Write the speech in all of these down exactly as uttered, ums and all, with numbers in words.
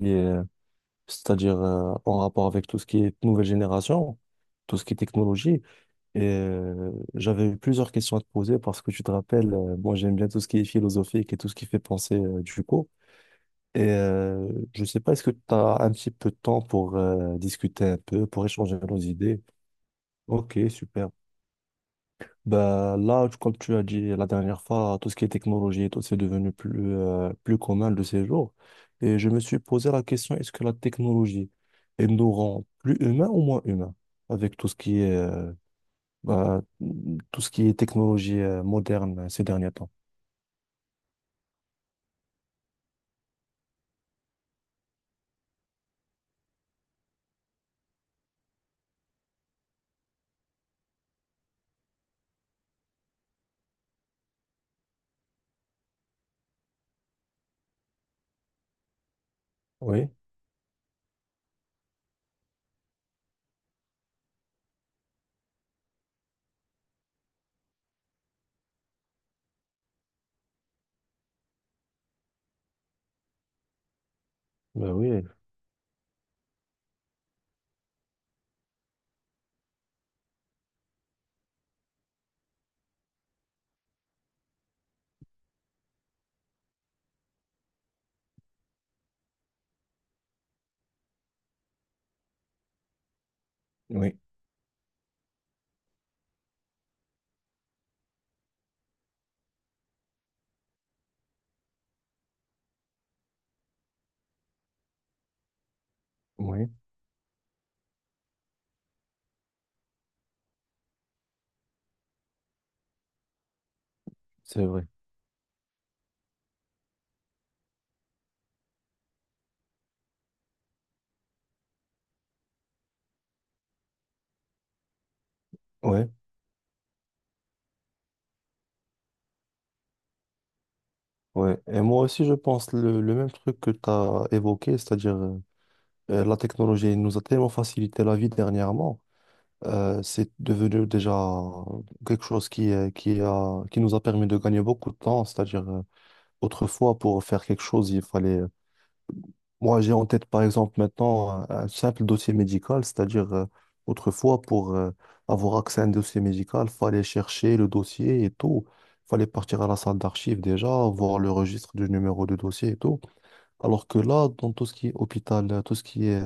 Et, euh, c'est-à-dire euh, en rapport avec tout ce qui est nouvelle génération, tout ce qui est technologie. Et euh, j'avais eu plusieurs questions à te poser parce que tu te rappelles, euh, moi j'aime bien tout ce qui est philosophique et tout ce qui fait penser euh, du coup. Et euh, je sais pas, est-ce que tu as un petit peu de temps pour euh, discuter un peu, pour échanger nos idées? Ok, super. Bah, là, tu- comme tu as dit la dernière fois, tout ce qui est technologie et tout, c'est devenu plus, euh, plus commun de ces jours. Et je me suis posé la question, est-ce que la technologie, elle nous rend plus humains ou moins humains? Avec tout ce qui est, euh, bah, tout ce qui est technologie, euh, moderne ces derniers temps. Oui, bah oui, oui, oui, c'est vrai. Oui, oui. Et moi aussi, je pense le, le même truc que tu as évoqué, c'est-à-dire euh, la technologie elle nous a tellement facilité la vie dernièrement. Euh, c'est devenu déjà quelque chose qui, euh, qui a, qui nous a permis de gagner beaucoup de temps. C'est-à-dire, euh, autrefois, pour faire quelque chose, il fallait... euh, Moi, j'ai en tête, par exemple, maintenant, un, un simple dossier médical. C'est-à-dire, euh, autrefois, pour euh, avoir accès à un dossier médical, il fallait chercher le dossier et tout. Il fallait partir à la salle d'archives déjà, voir le registre du numéro de dossier et tout. Alors que là, dans tout ce qui est hôpital, tout ce qui est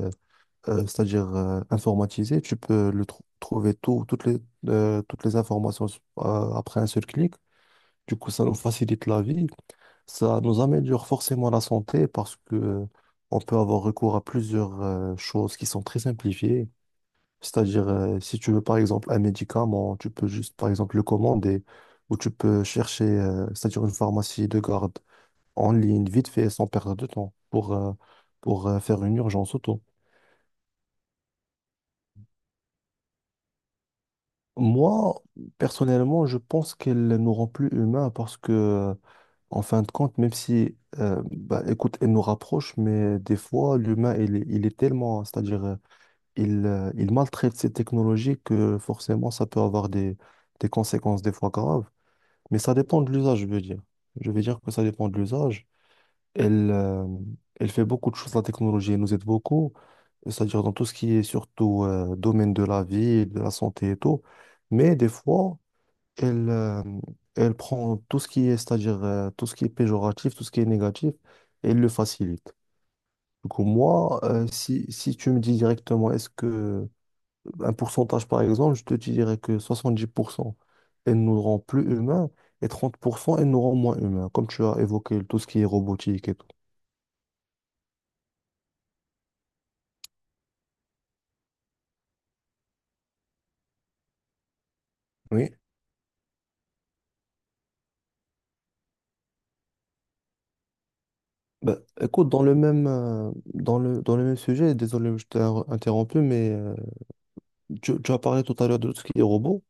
euh, c'est-à-dire euh, informatisé. Tu peux le trou- trouver tout, toutes les, euh, toutes les informations s- euh, après un seul clic. Du coup, ça nous facilite la vie. Ça nous améliore forcément la santé parce que euh, on peut avoir recours à plusieurs euh, choses qui sont très simplifiées. C'est-à-dire, euh, si tu veux par exemple un médicament, tu peux juste par exemple le commander ou tu peux chercher, euh, c'est-à-dire une pharmacie de garde en ligne, vite fait, sans perdre de temps pour, euh, pour euh, faire une urgence auto. Moi, personnellement, je pense qu'elle nous rend plus humains parce que, en fin de compte, même si, euh, bah, écoute, elle nous rapproche, mais des fois, l'humain, il, est il est tellement, c'est-à-dire, euh, il, euh, il maltraite ces technologies que forcément, ça peut avoir des, des conséquences des fois graves. Mais ça dépend de l'usage, je veux dire. Je veux dire que ça dépend de l'usage. Elle, euh, elle fait beaucoup de choses, la technologie, elle nous aide beaucoup, c'est-à-dire dans tout ce qui est surtout, euh, domaine de la vie, de la santé et tout. Mais des fois, elle, euh, elle prend tout ce qui est, c'est-à-dire euh, tout ce qui est péjoratif, tout ce qui est négatif, et elle le facilite. Du coup, moi, euh, si, si tu me dis directement, est-ce que un pourcentage par exemple, je te dirais que soixante-dix pour cent, elle nous rend plus humains, et trente pour cent, elle nous rend moins humains, comme tu as évoqué tout ce qui est robotique et tout. Oui. Bah, écoute, dans le même, euh, dans le, dans le même sujet, désolé, je t'ai interrompu, mais euh, tu, tu as parlé tout à l'heure de tout ce qui est robot.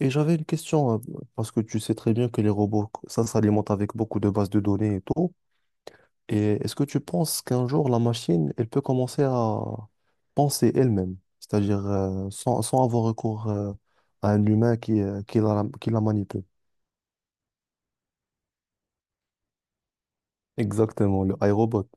Et j'avais une question, hein, parce que tu sais très bien que les robots, ça s'alimente avec beaucoup de bases de données et tout. Et est-ce que tu penses qu'un jour, la machine, elle peut commencer à penser elle-même, c'est-à-dire euh, sans, sans avoir recours euh, à un humain qui, euh, qui la, qui la manipule? Exactement, le iRobot.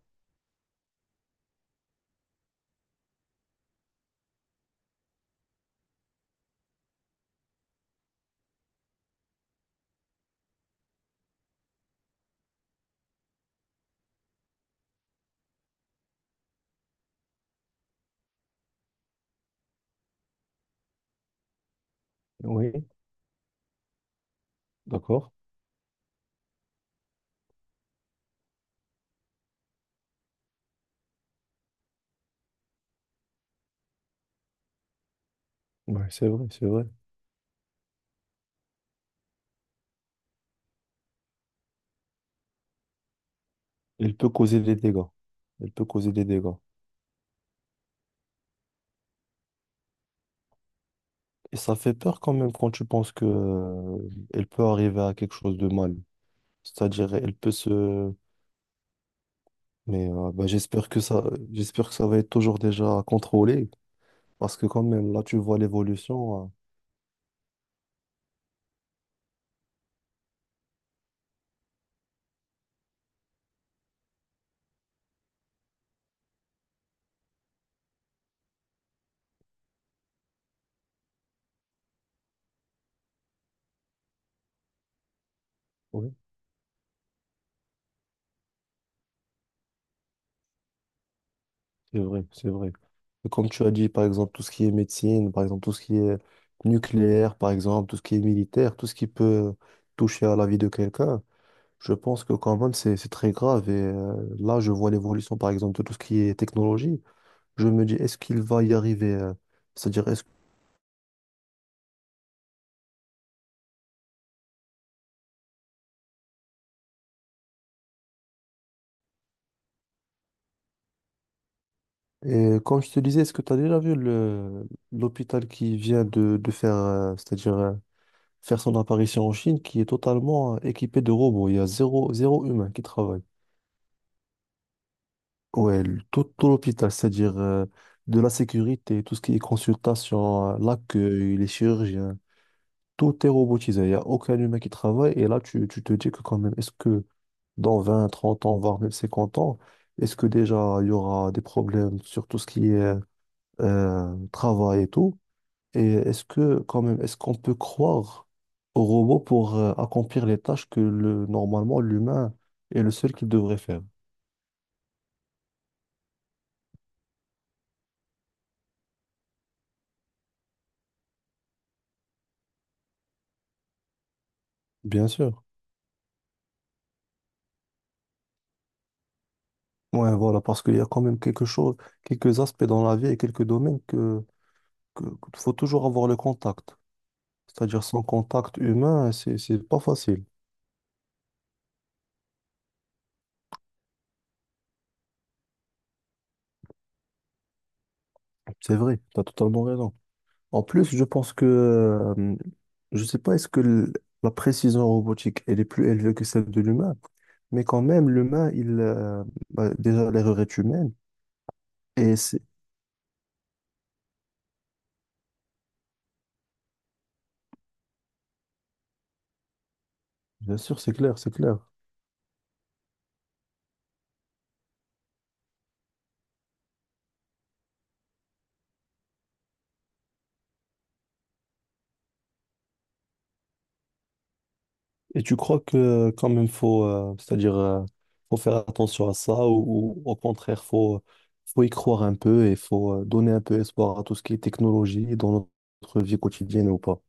Oui, d'accord. Ouais, c'est vrai, c'est vrai. Elle peut causer des dégâts. Elle peut causer des dégâts. Et ça fait peur quand même quand tu penses que, euh, elle peut arriver à quelque chose de mal. C'est-à-dire, elle peut se... Mais euh, bah, j'espère que ça, j'espère que ça va être toujours déjà contrôlé, parce que quand même, là, tu vois l'évolution. Euh, oui, c'est vrai, c'est vrai. Et comme tu as dit, par exemple, tout ce qui est médecine, par exemple, tout ce qui est nucléaire, par exemple, tout ce qui est militaire, tout ce qui peut toucher à la vie de quelqu'un, je pense que quand même, c'est, c'est très grave. Et euh, là, je vois l'évolution, par exemple, de tout ce qui est technologie. Je me dis, est-ce qu'il va y arriver? Euh, c'est-à-dire, et comme je te disais, est-ce que tu as déjà vu le l'hôpital qui vient de, de faire, euh, c'est-à-dire euh, faire son apparition en Chine, qui est totalement euh, équipé de robots. Il y a zéro, zéro humain qui travaille. Ouais, le- tout, tout l'hôpital, c'est-à-dire euh, de la sécurité, tout ce qui est consultation, euh, l'accueil, les chirurgiens, tout est robotisé. Il n'y a aucun humain qui travaille. Et là, tu, tu te dis que quand même, est-ce que dans vingt, trente ans, voire même cinquante ans, est-ce que déjà il y aura des problèmes sur tout ce qui est euh, travail et tout? Et est-ce que, quand même, est-ce qu'on peut croire au robot pour euh, accomplir les tâches que le, normalement l'humain est le seul qui devrait faire? Bien sûr. Ouais, voilà, parce qu'il y a quand même quelque chose, quelques aspects dans la vie et quelques domaines que, que, qu'il faut toujours avoir le contact. C'est-à-dire sans contact humain, c'est, c'est pas facile. C'est vrai, tu as totalement raison. En plus, je pense que, euh, je sais pas, est-ce que l- la précision robotique, elle est plus élevée que celle de l'humain, mais quand même, l'humain, il, euh, bah, déjà, l'erreur est humaine, et c'est, bien sûr, c'est clair, c'est clair. Et tu crois que quand même, faut, euh, c'est-à-dire, euh, faut faire attention à ça, ou, ou au contraire, faut, faut y croire un peu, et faut euh, donner un peu espoir à tout ce qui est technologie dans notre vie quotidienne ou pas?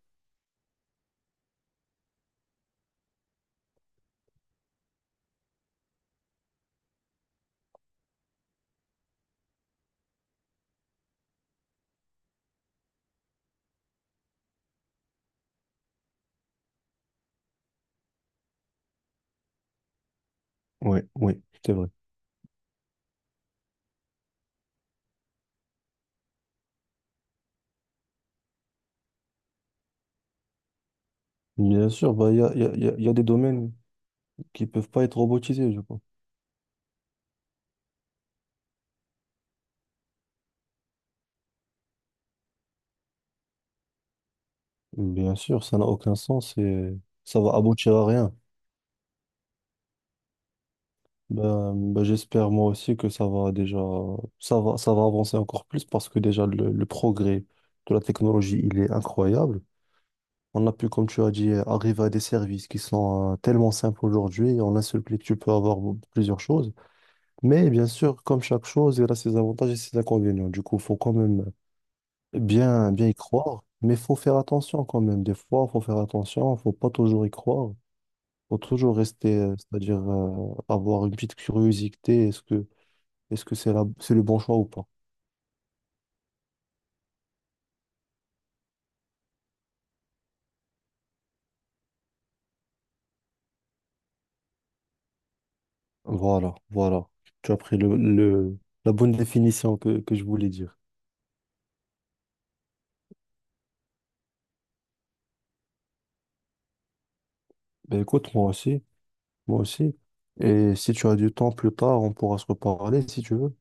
Oui, oui, c'est vrai. Bien sûr, bah, il y a, il y a- il y a- il y a des domaines qui peuvent pas être robotisés, je pense. Bien sûr, ça n'a aucun sens et ça va aboutir à rien. Ben, ben, j'espère moi aussi que ça va déjà, ça va, ça va avancer encore plus parce que déjà le, le progrès de la technologie, il est incroyable. On a pu, comme tu as dit, euh, arriver à des services qui sont euh, tellement simples aujourd'hui. En un seul clic, tu peux avoir b- plusieurs choses. Mais bien sûr, comme chaque chose, il a ses avantages et ses inconvénients. Du coup, il faut quand même bien, bien y croire. Mais il faut faire attention quand même. Des fois, il faut faire attention. Il ne faut pas toujours y croire. Il faut toujours rester, euh, c'est-à-dire euh, avoir une petite curiosité. Est-ce que, est-ce que c'est la, c'est le bon choix ou pas? Voilà, voilà. Tu as pris le, le- la bonne définition que, que je voulais dire. Ben, écoute, moi aussi. Moi aussi. Et si tu as du temps plus tard, on pourra se reparler si tu veux.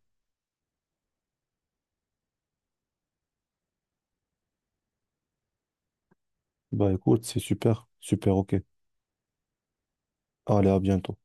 Bah écoute, c'est super, super, ok. Allez, à bientôt.